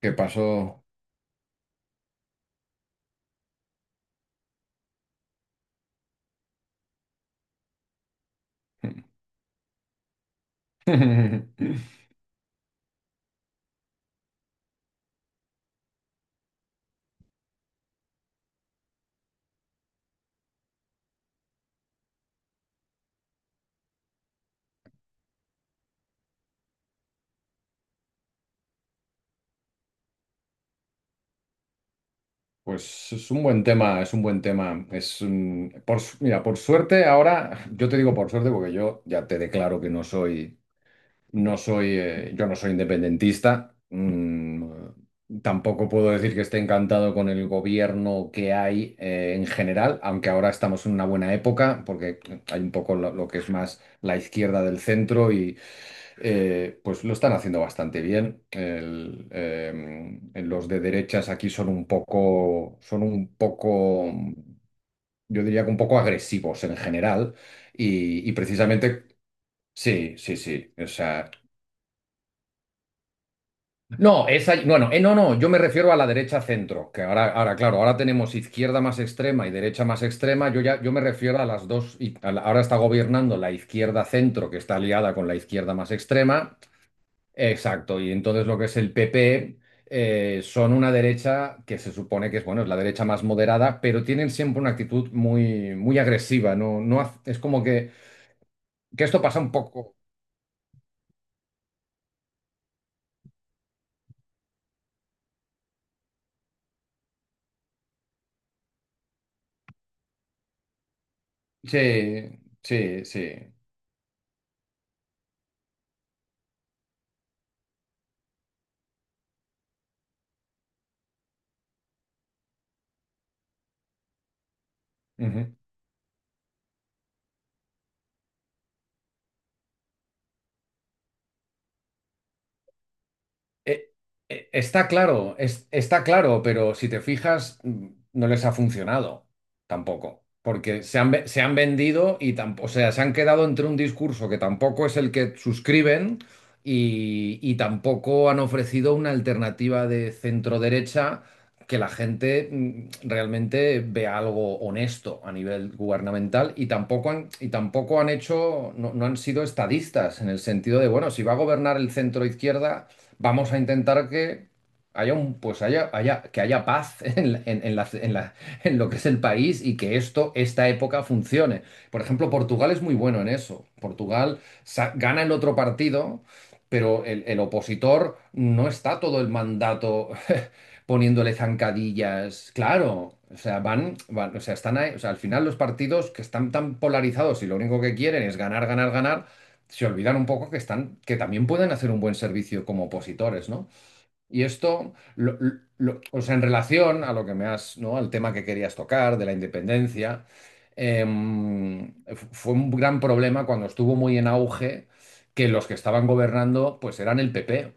¿Qué pasó? Pues es un buen tema, es un buen tema. Es un- por, su- mira, por suerte ahora, yo te digo por suerte porque yo ya te declaro que yo no soy independentista. Tampoco puedo decir que esté encantado con el gobierno que hay, en general, aunque ahora estamos en una buena época, porque hay un poco lo que es más la izquierda del centro, y pues lo están haciendo bastante bien. Los de derechas aquí son un poco, yo diría que un poco agresivos en general, y precisamente... Sí, sí, sí. O sea... No, bueno, no, no, yo me refiero a la derecha centro, que ahora, claro, ahora tenemos izquierda más extrema y derecha más extrema. Yo me refiero a las dos, y ahora está gobernando la izquierda centro, que está aliada con la izquierda más extrema. Exacto, y entonces lo que es el PP, son una derecha que se supone que es, bueno, es la derecha más moderada, pero tienen siempre una actitud muy, muy agresiva, ¿no? No, es como que esto pasa un poco. Sí, sí, sí. Ujú. Eh, está claro, está claro, pero si te fijas, no les ha funcionado tampoco, porque se han vendido y tampoco, o sea, se han quedado entre un discurso que tampoco es el que suscriben, y tampoco han ofrecido una alternativa de centro derecha que la gente realmente vea algo honesto a nivel gubernamental, y tampoco han hecho, no han sido estadistas en el sentido de, bueno, si va a gobernar el centro izquierda, vamos a intentar que haya un, pues haya, haya, que haya paz en lo que es el país y que esto, esta época funcione. Por ejemplo, Portugal es muy bueno en eso. Portugal gana el otro partido, pero el opositor no está todo el mandato poniéndole zancadillas. Claro. O sea, o sea, al final los partidos que están tan polarizados y lo único que quieren es ganar, ganar, ganar, se olvidan un poco que están, que también pueden hacer un buen servicio como opositores, ¿no? Y esto, o sea, en relación a lo que me has, ¿no? Al tema que querías tocar de la independencia, Fue un gran problema cuando estuvo muy en auge que los que estaban gobernando, pues eran el PP.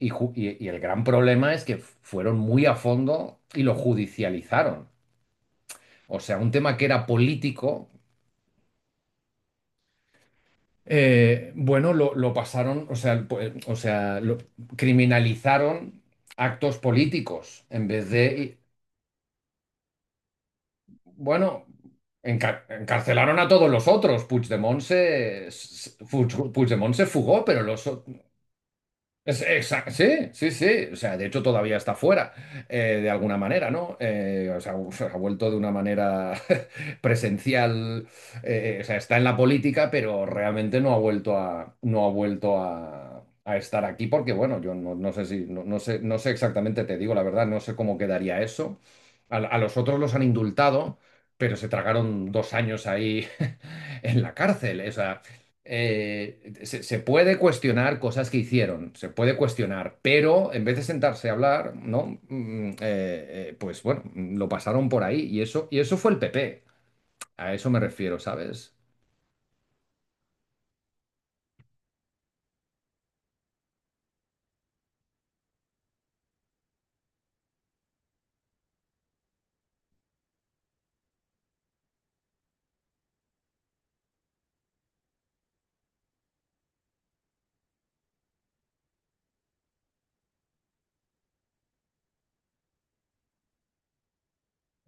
Y el gran problema es que fueron muy a fondo y lo judicializaron. O sea, un tema que era político... Bueno, lo pasaron, o sea, pues, o sea, criminalizaron actos políticos en vez de, bueno, encarcelaron a todos los otros. Puigdemont se fugó, pero los... Sí, sí, sí. O sea, de hecho todavía está fuera, de alguna manera, ¿no? O sea, se ha vuelto de una manera presencial. O sea, está en la política, pero realmente no ha vuelto a a estar aquí porque, bueno, yo no, no sé si, no sé exactamente, te digo la verdad, no sé cómo quedaría eso. A los otros los han indultado, pero se tragaron 2 años ahí en la cárcel. O sea, se puede cuestionar cosas que hicieron, se puede cuestionar, pero en vez de sentarse a hablar, ¿no? Pues bueno, lo pasaron por ahí y eso fue el PP. A eso me refiero, ¿sabes?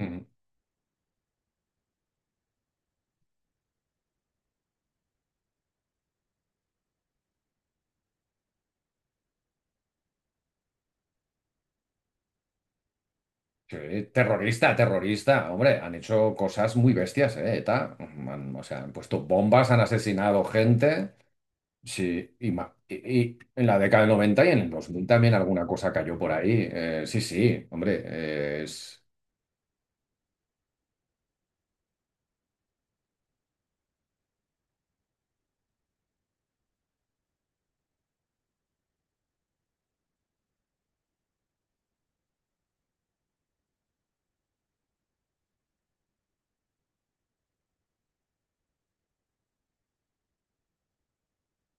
Mm. Sí, terrorista, terrorista, hombre, han hecho cosas muy bestias, ¿eh? ETA. O sea, han puesto bombas, han asesinado gente. Sí, y en la década del 90 y en el 2000 también alguna cosa cayó por ahí. Sí, sí, hombre, es...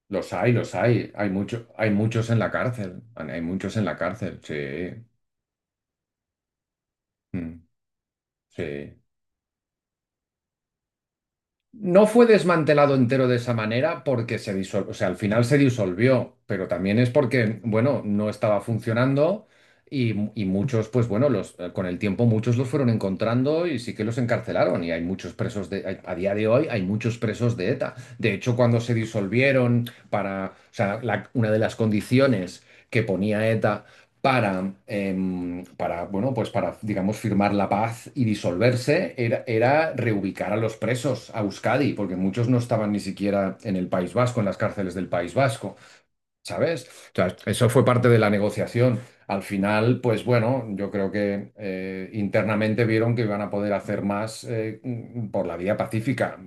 Los hay, los hay. Hay muchos en la cárcel. Hay muchos en la cárcel, sí. Mm, sí. No fue desmantelado entero de esa manera porque se disolvió, o sea, al final se disolvió, pero también es porque, bueno, no estaba funcionando, y, y muchos, pues bueno, con el tiempo muchos los fueron encontrando y sí que los encarcelaron y hay muchos presos de, hay- a día de hoy hay muchos presos de ETA. De hecho, cuando se disolvieron, para, o sea, una de las condiciones que ponía ETA para, para, bueno, pues para, digamos, firmar la paz y disolverse, era reubicar a los presos a Euskadi, porque muchos no estaban ni siquiera en el País Vasco, en las cárceles del País Vasco, ¿sabes? O sea, eso fue parte de la negociación. Al final, pues bueno, yo creo que internamente vieron que iban a poder hacer más por la vía pacífica,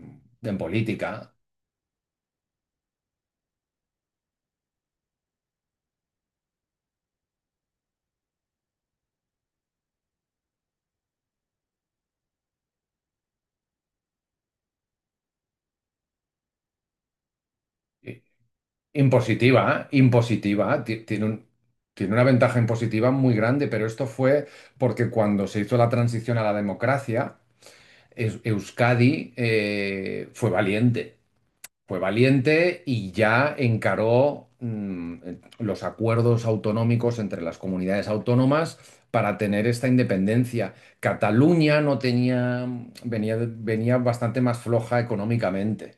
en política. Impositiva, ¿eh? Impositiva, tiene una ventaja impositiva muy grande, pero esto fue porque cuando se hizo la transición a la democracia, Euskadi fue valiente y ya encaró los acuerdos autonómicos entre las comunidades autónomas para tener esta independencia. Cataluña no tenía, venía bastante más floja económicamente.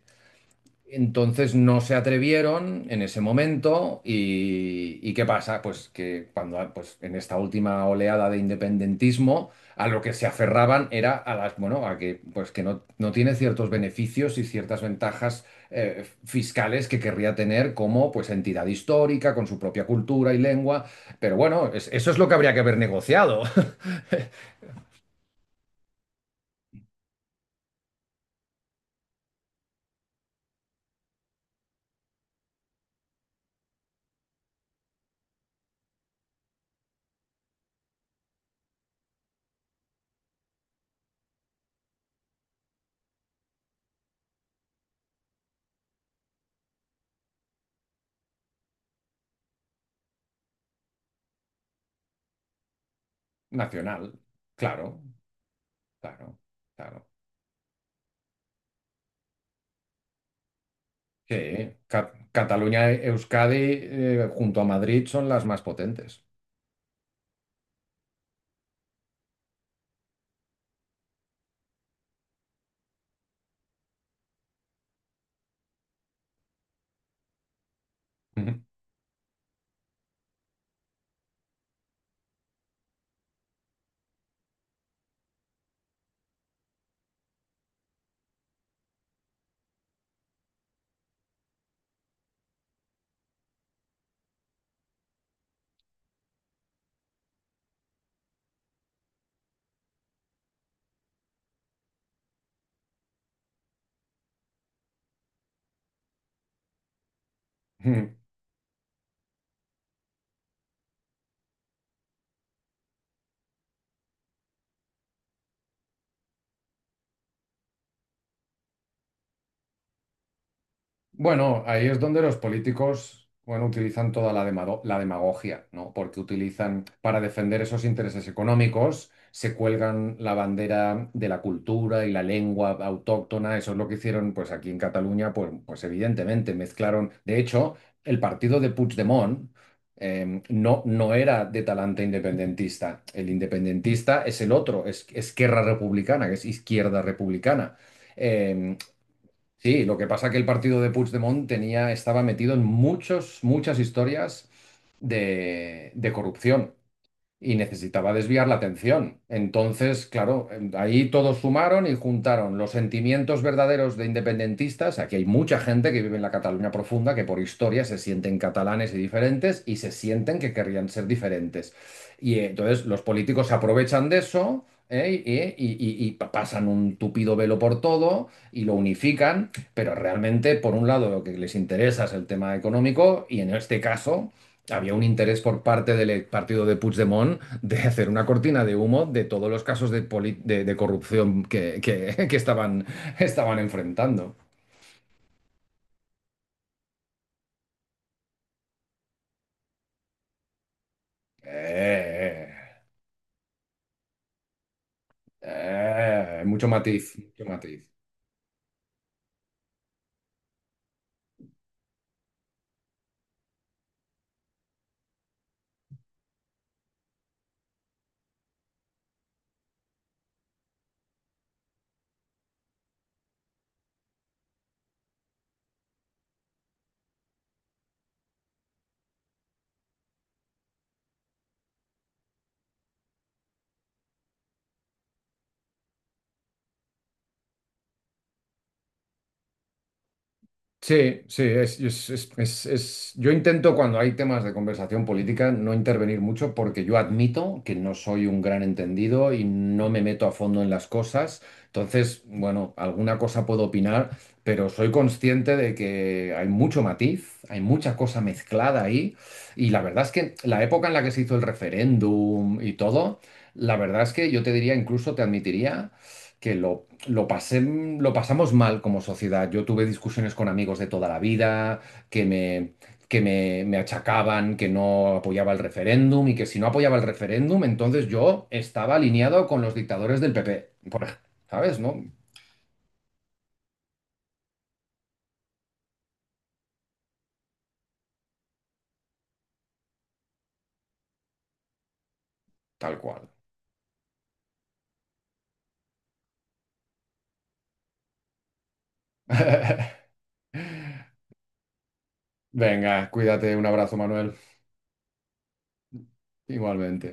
Entonces no se atrevieron en ese momento, y, ¿qué pasa? Pues que cuando pues en esta última oleada de independentismo a lo que se aferraban era a las, bueno, a que pues que no tiene ciertos beneficios y ciertas ventajas fiscales que querría tener como pues entidad histórica con su propia cultura y lengua, pero bueno, eso es lo que habría que haber negociado. Nacional, claro, claro, claro. Sí, Cataluña, Euskadi, junto a Madrid, son las más potentes. Ujú. Bueno, ahí es donde los políticos, bueno, utilizan toda la la demagogia, ¿no? Porque utilizan, para defender esos intereses económicos, se cuelgan la bandera de la cultura y la lengua autóctona. Eso es lo que hicieron, pues aquí en Cataluña, pues, pues evidentemente mezclaron. De hecho, el partido de Puigdemont no era de talante independentista. El independentista es el otro, es Esquerra Republicana, que es izquierda republicana. Eh, Sí, lo que pasa que el partido de Puigdemont tenía, estaba metido en muchas historias de corrupción, y necesitaba desviar la atención. Entonces, claro, ahí todos sumaron y juntaron los sentimientos verdaderos de independentistas. Aquí hay mucha gente que vive en la Cataluña profunda, que por historia se sienten catalanes y diferentes y se sienten que querrían ser diferentes. Y entonces los políticos se aprovechan de eso. ¿Eh? Y pasan un tupido velo por todo y lo unifican, pero realmente, por un lado, lo que les interesa es el tema económico, y en este caso, había un interés por parte del partido de Puigdemont de hacer una cortina de humo de todos los casos de corrupción que que estaban, enfrentando. Eh, mucho matiz, mucho matiz. Sí, sí, es, yo intento, cuando hay temas de conversación política, no intervenir mucho porque yo admito que no soy un gran entendido y no me meto a fondo en las cosas. Entonces, bueno, alguna cosa puedo opinar, pero soy consciente de que hay mucho matiz, hay mucha cosa mezclada ahí, y la verdad es que la época en la que se hizo el referéndum y todo, la verdad es que yo te diría, incluso te admitiría, que lo pasé, lo pasamos mal como sociedad. Yo tuve discusiones con amigos de toda la vida, que me, que me achacaban que no apoyaba el referéndum y que si no apoyaba el referéndum, entonces yo estaba alineado con los dictadores del PP, ¿sabes? ¿No? Tal cual. Venga, cuídate, un abrazo, Manuel. Igualmente.